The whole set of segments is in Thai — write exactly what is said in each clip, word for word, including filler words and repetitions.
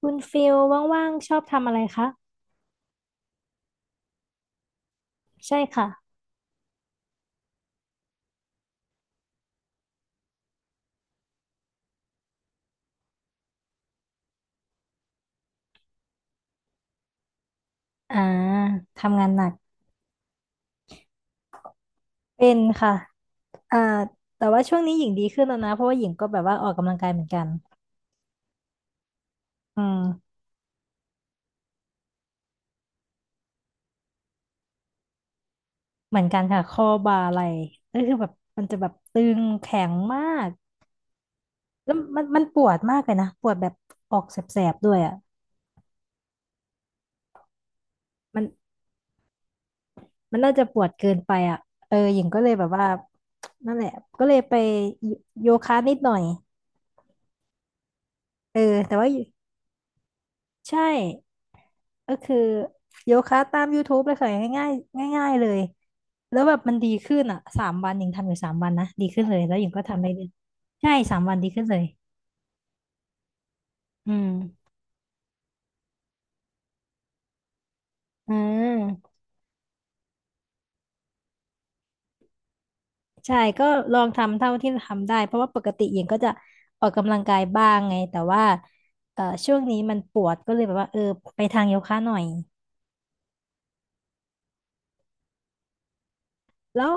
คุณฟิลว่างๆชอบทำอะไรคะใช่ค่ะอ่าทำงานหนักเป็นค่ะอ่าแต่ว่าช่วงนี้หญิงดีขึ้นแล้วนะเพราะว่าหญิงก็แบบว่าออกกำลังกายเหมือนกันอืมเหมือนกันค่ะข้อบ่าไหล่ก็คือแบบมันจะแบบตึงแข็งมากแล้วมันมันปวดมากเลยนะปวดแบบออกแสบๆด้วยอ่ะมันมันน่าจะปวดเกินไปอ่ะเออหญิงก็เลยแบบว่านั่นแหละก็เลยไปโยโยคะนิดหน่อยเออแต่ว่าใช่ ก็คือโยคะตาม YouTube เลยค่ะง่ายๆง่ายๆเลยแล้วแบบมันดีขึ้นอ่ะสามวันหญิงทำอยู่สามวันนะดีขึ้นเลยแล้วหญิงก็ทำได้เรื่อยใช่สามวันดีขึ้นเลยอืมอืมใช่ก็ลองทำเท่าที่ทำได้เพราะว่าปกติหญิงก็จะออกกำลังกายบ้างไงแต่ว่าเอ่อช่วงนี้มันปวดก็เลยแบบว่าเออไปทางโยคะหน่อยแล้ว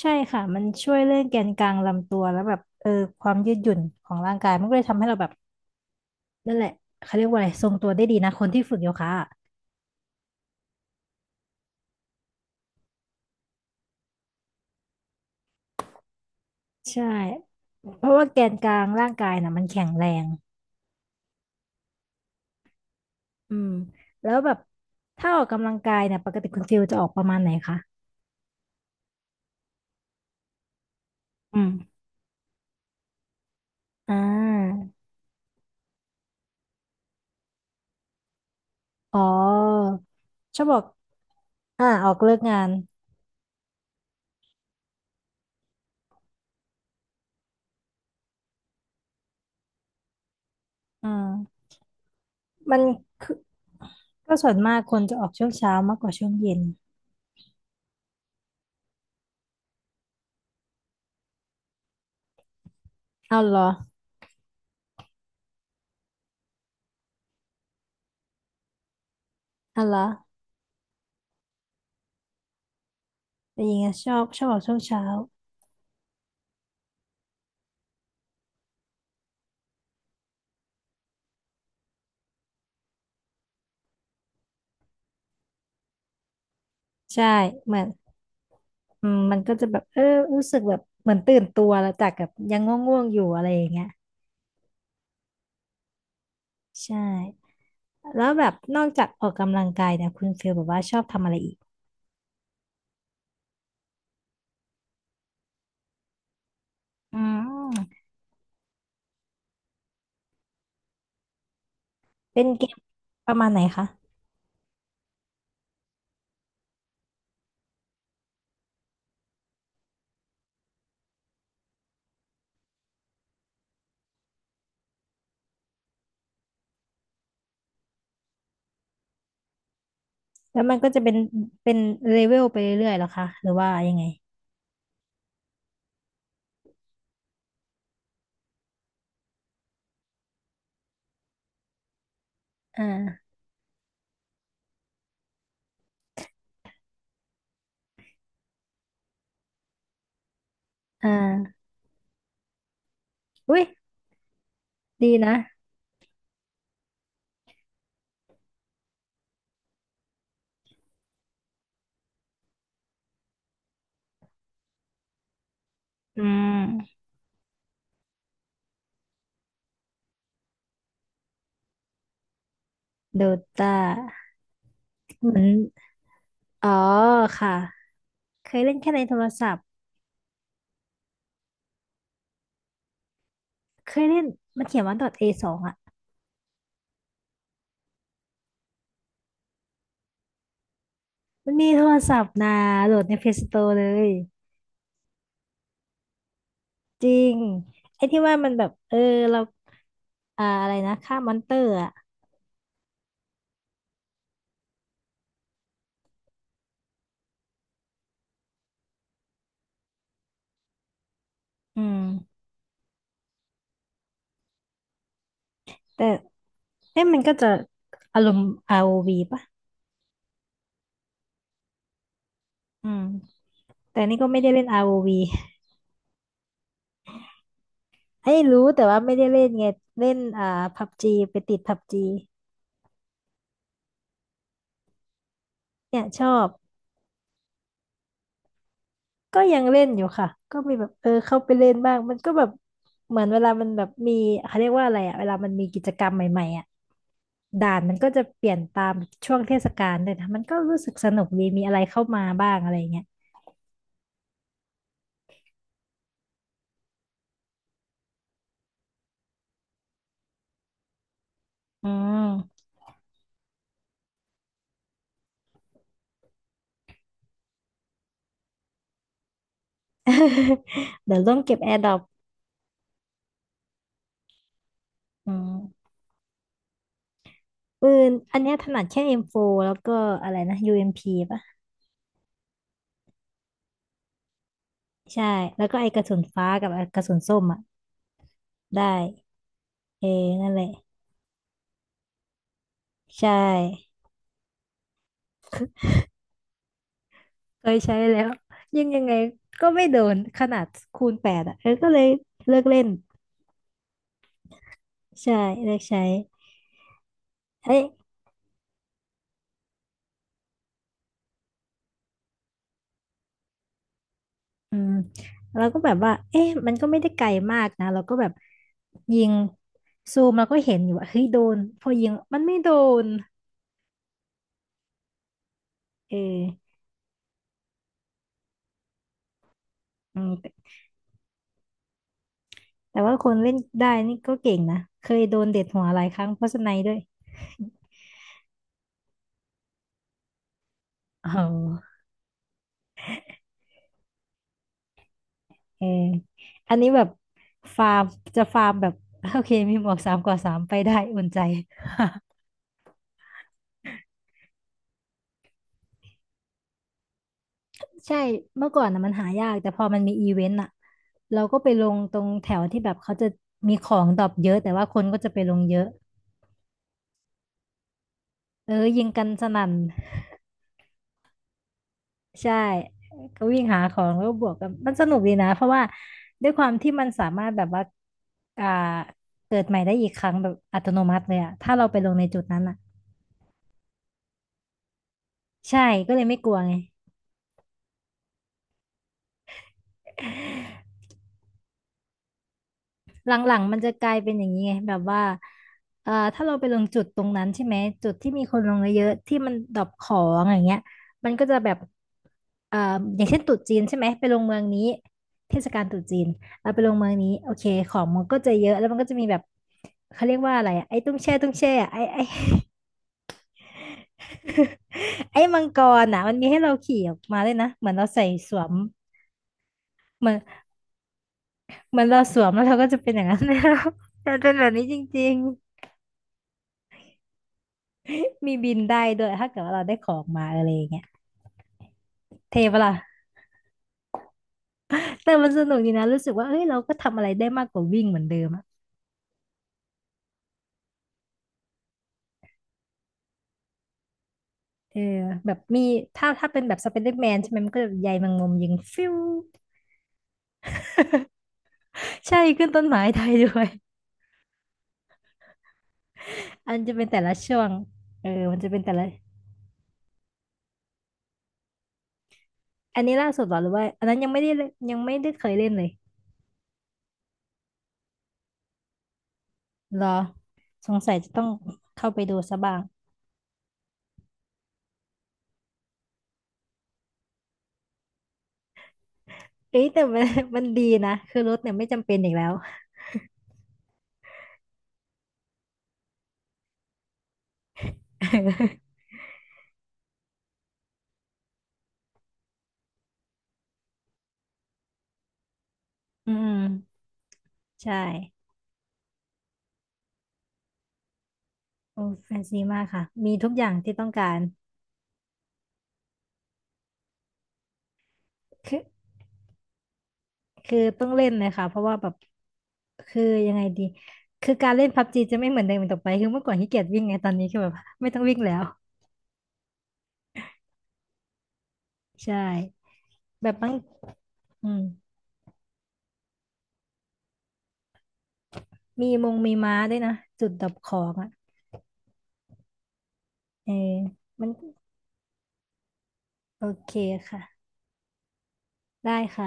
ใช่ค่ะมันช่วยเรื่องแกนกลางลำตัวแล้วแบบเออความยืดหยุ่นของร่างกายมันก็เลยทำให้เราแบบ นั่นแหละเขาเรียกว่าอะไรทรงตัวได้ดีนะคนที่ฝึกโยคะอะใช่เพราะว่าแกนกลางร่างกายนะมันแข็งแรงอืมแล้วแบบถ้าออกกำลังกายเนี่ยปกติคุณฟิลจะออกประมาณไหนคะอืมอ่าอ๋อชอบออกอ่าออกเลิกงานอ่ามันคือก็ส่วนมากคนจะออกช่วงเช้ามากกว่าช่วงเย็นเอาเหรอเอาเหรอแต่ยิงอะชอบชอบออกช่วงเช้าใช่เหมือน อืมมันก็จะแบบเออรู้สึกแบบเหมือนตื่นตัวแล้วจากแบบยังง่วงๆอยู่อะไรอย่างเงี้ยใช่แล้วแบบนอกจากออกกำลังกายเนี่ยคุณฟิลแบบว่าชอบทำอะไรอีกอืมเป็นเกมประมาณไหนคะแล้วมันก็จะเป็นเป็นเลเวลไปเรื่อยๆเหรอคะหรือว่ายังไงอ่าอ่าอุ้ยดีนะอืมโดตาเหมือนอ๋อค่ะเคยเล่นแค่ในโทรศัพท์เคยเล่นมันเขียนว่า .a สองอะ มันมีโทรศัพท์นะโหลดใน Play Store เลยจริงไอ้ที่ว่ามันแบบเออเราอ่าอะไรนะฆ่ามอนเตอร์อ่ะอืมแต่เอ๊ะมันก็จะอารมณ์อาร์โอวีป่ะอืมแต่นี่ก็ไม่ได้เล่นอาร์โอวีไอ้ยรู้แต่ว่าไม่ได้เล่นไงเล่นอ่าพับจีไปติดพับจีเนี่ยชอบก็ยังเล่นอยู่ค่ะก็มีแบบเออเข้าไปเล่นบ้างมันก็แบบเหมือนเวลามันแบบมีเขาเรียกว่าอะไรอ่ะเวลามันมีกิจกรรมใหม่ๆอ่ะ ด่านมันก็จะเปลี่ยนตามช่วงเทศกาลเลยนะมันก็รู้สึกสนุกดีมีอะไรเข้ามาบ้างอะไรเงี้ยอืม เดี๋ยวร่วมเก็บแอร์ดรอปอืมปืนอันเนี้ยถนัดแค่ เอ็ม โฟร์ แล้วก็อะไรนะ ยู เอ็ม พี ป่ะใช่แล้วก็ไอกระสุนฟ้ากับไอ้กระสุนส้มอ่ะได้เออนั่นแหละใช่เคยใช้แล้วยังยังไงก็ไม่โดนขนาดคูณแปดอ่ะเออก็เลยเลิกเล่นใช่เลิกใช้เอ้ย อืมเราก็แบบว่าเอ๊ะมันก็ไม่ได้ไกลมากนะเราก็แบบยิงซูมเราก็เห็นอยู่ว่าเฮ้ยโดนพอยิงมันไม่โดนเอออืมแต่แต่ว่าคนเล่นได้นี่ก็เก่งนะเคยโดนเด็ดหัวหลายครั้งเพราะสไนด์ด้วยออเอออันนี้แบบฟาร์มจะฟาร์มแบบโอเคมีหมวกสามกว่าสามไปได้อุ่นใจ ใช่เมื่อก่อนนะมันหายากแต่พอมันมีอีเวนต์อ่ะเราก็ไปลงตรงแถวที่แบบเขาจะมีของดรอปเยอะแต่ว่าคนก็จะไปลงเยอะ เออยิงกันสนั่นใช่ก็วิ่งหาของแล้วก็บวกกันมันสนุกดีนะเพราะว่าด้วยความที่มันสามารถแบบว่าอ่าเกิดใหม่ได้อีกครั้งแบบอัตโนมัติเลยอะถ้าเราไปลงในจุดนั้นอะใช่ก็เลยไม่กลัวไง หลังๆมันจะกลายเป็นอย่างนี้ไงแบบว่าเอ่อถ้าเราไปลงจุดตรงนั้นใช่ไหมจุดที่มีคนลงเยอะๆที่มันดรอปของอย่างเงี้ยมันก็จะแบบเอ่ออย่างเช่นตรุษจีนใช่ไหมไปลงเมืองนี้เทศกาลตรุษจีนเราไปลงเมืองนี้โอเคของมันก็จะเยอะแล้วมันก็จะมีแบบเขาเรียกว่าอะไรอะไอ้ตุ้งแช่ตุ้งแช่อะไอ้ไอ้ ไอ้มังกรอ่ะมันมีให้เราขี่ออกมาด้วยนะเหมือนเราใส่สวมเหมือนเหมือนเราสวมแล้วเราก็จะเป็นอย่างนั้น แล้ว มันเป็นแบบนี้จริง มีบินได้ด้วยถ้าเกิดว่าเราได้ของมาอะไรอย่างเงี้ยเทปะล่ะแต่มันสนุกดีนะรู้สึกว่าเอ้ยเราก็ทำอะไรได้มากกว่าวิ่งเหมือนเดิมอะเออแบบมีถ้าถ้าเป็นแบบสไปเดอร์แมนใช่ไหมมันก็แบบใยแมงมุมยิงฟิวใช่ขึ้นต้นไม้ได้ด้วย อันจะเป็นแต่ละช่วงเออมันจะเป็นแต่ละอันนี้ล่าสุดเหรอหรือว่าอันนั้นยังไม่ได้เล่นยังไม่ได้เคยเล่นเลยเหรอสงสัยจะต้องเข้าไปดูซะบ้างเอ้ยแต่มัน มันดีนะคือรถเนี่ยไม่จำเป็นอีกแล้ว อืมใช่ โอ้แฟนซีมากค่ะมีทุกอย่างที่ต้องการคือคือต้องเล่นเลยค่ะเพราะว่าแบบคือยังไงดีคือการเล่นพับจีจะไม่เหมือนเดิมอีกต่อไปคือเมื่อก่อนขี้เกียจวิ่งไงตอนนี้คือแบบไม่ต้องวิ่งแล้วใช่แบบบางอืมมีมงมีม้าด้วยนะจุดดับของอ่ะเออมันโอเคค่ะได้ค่ะ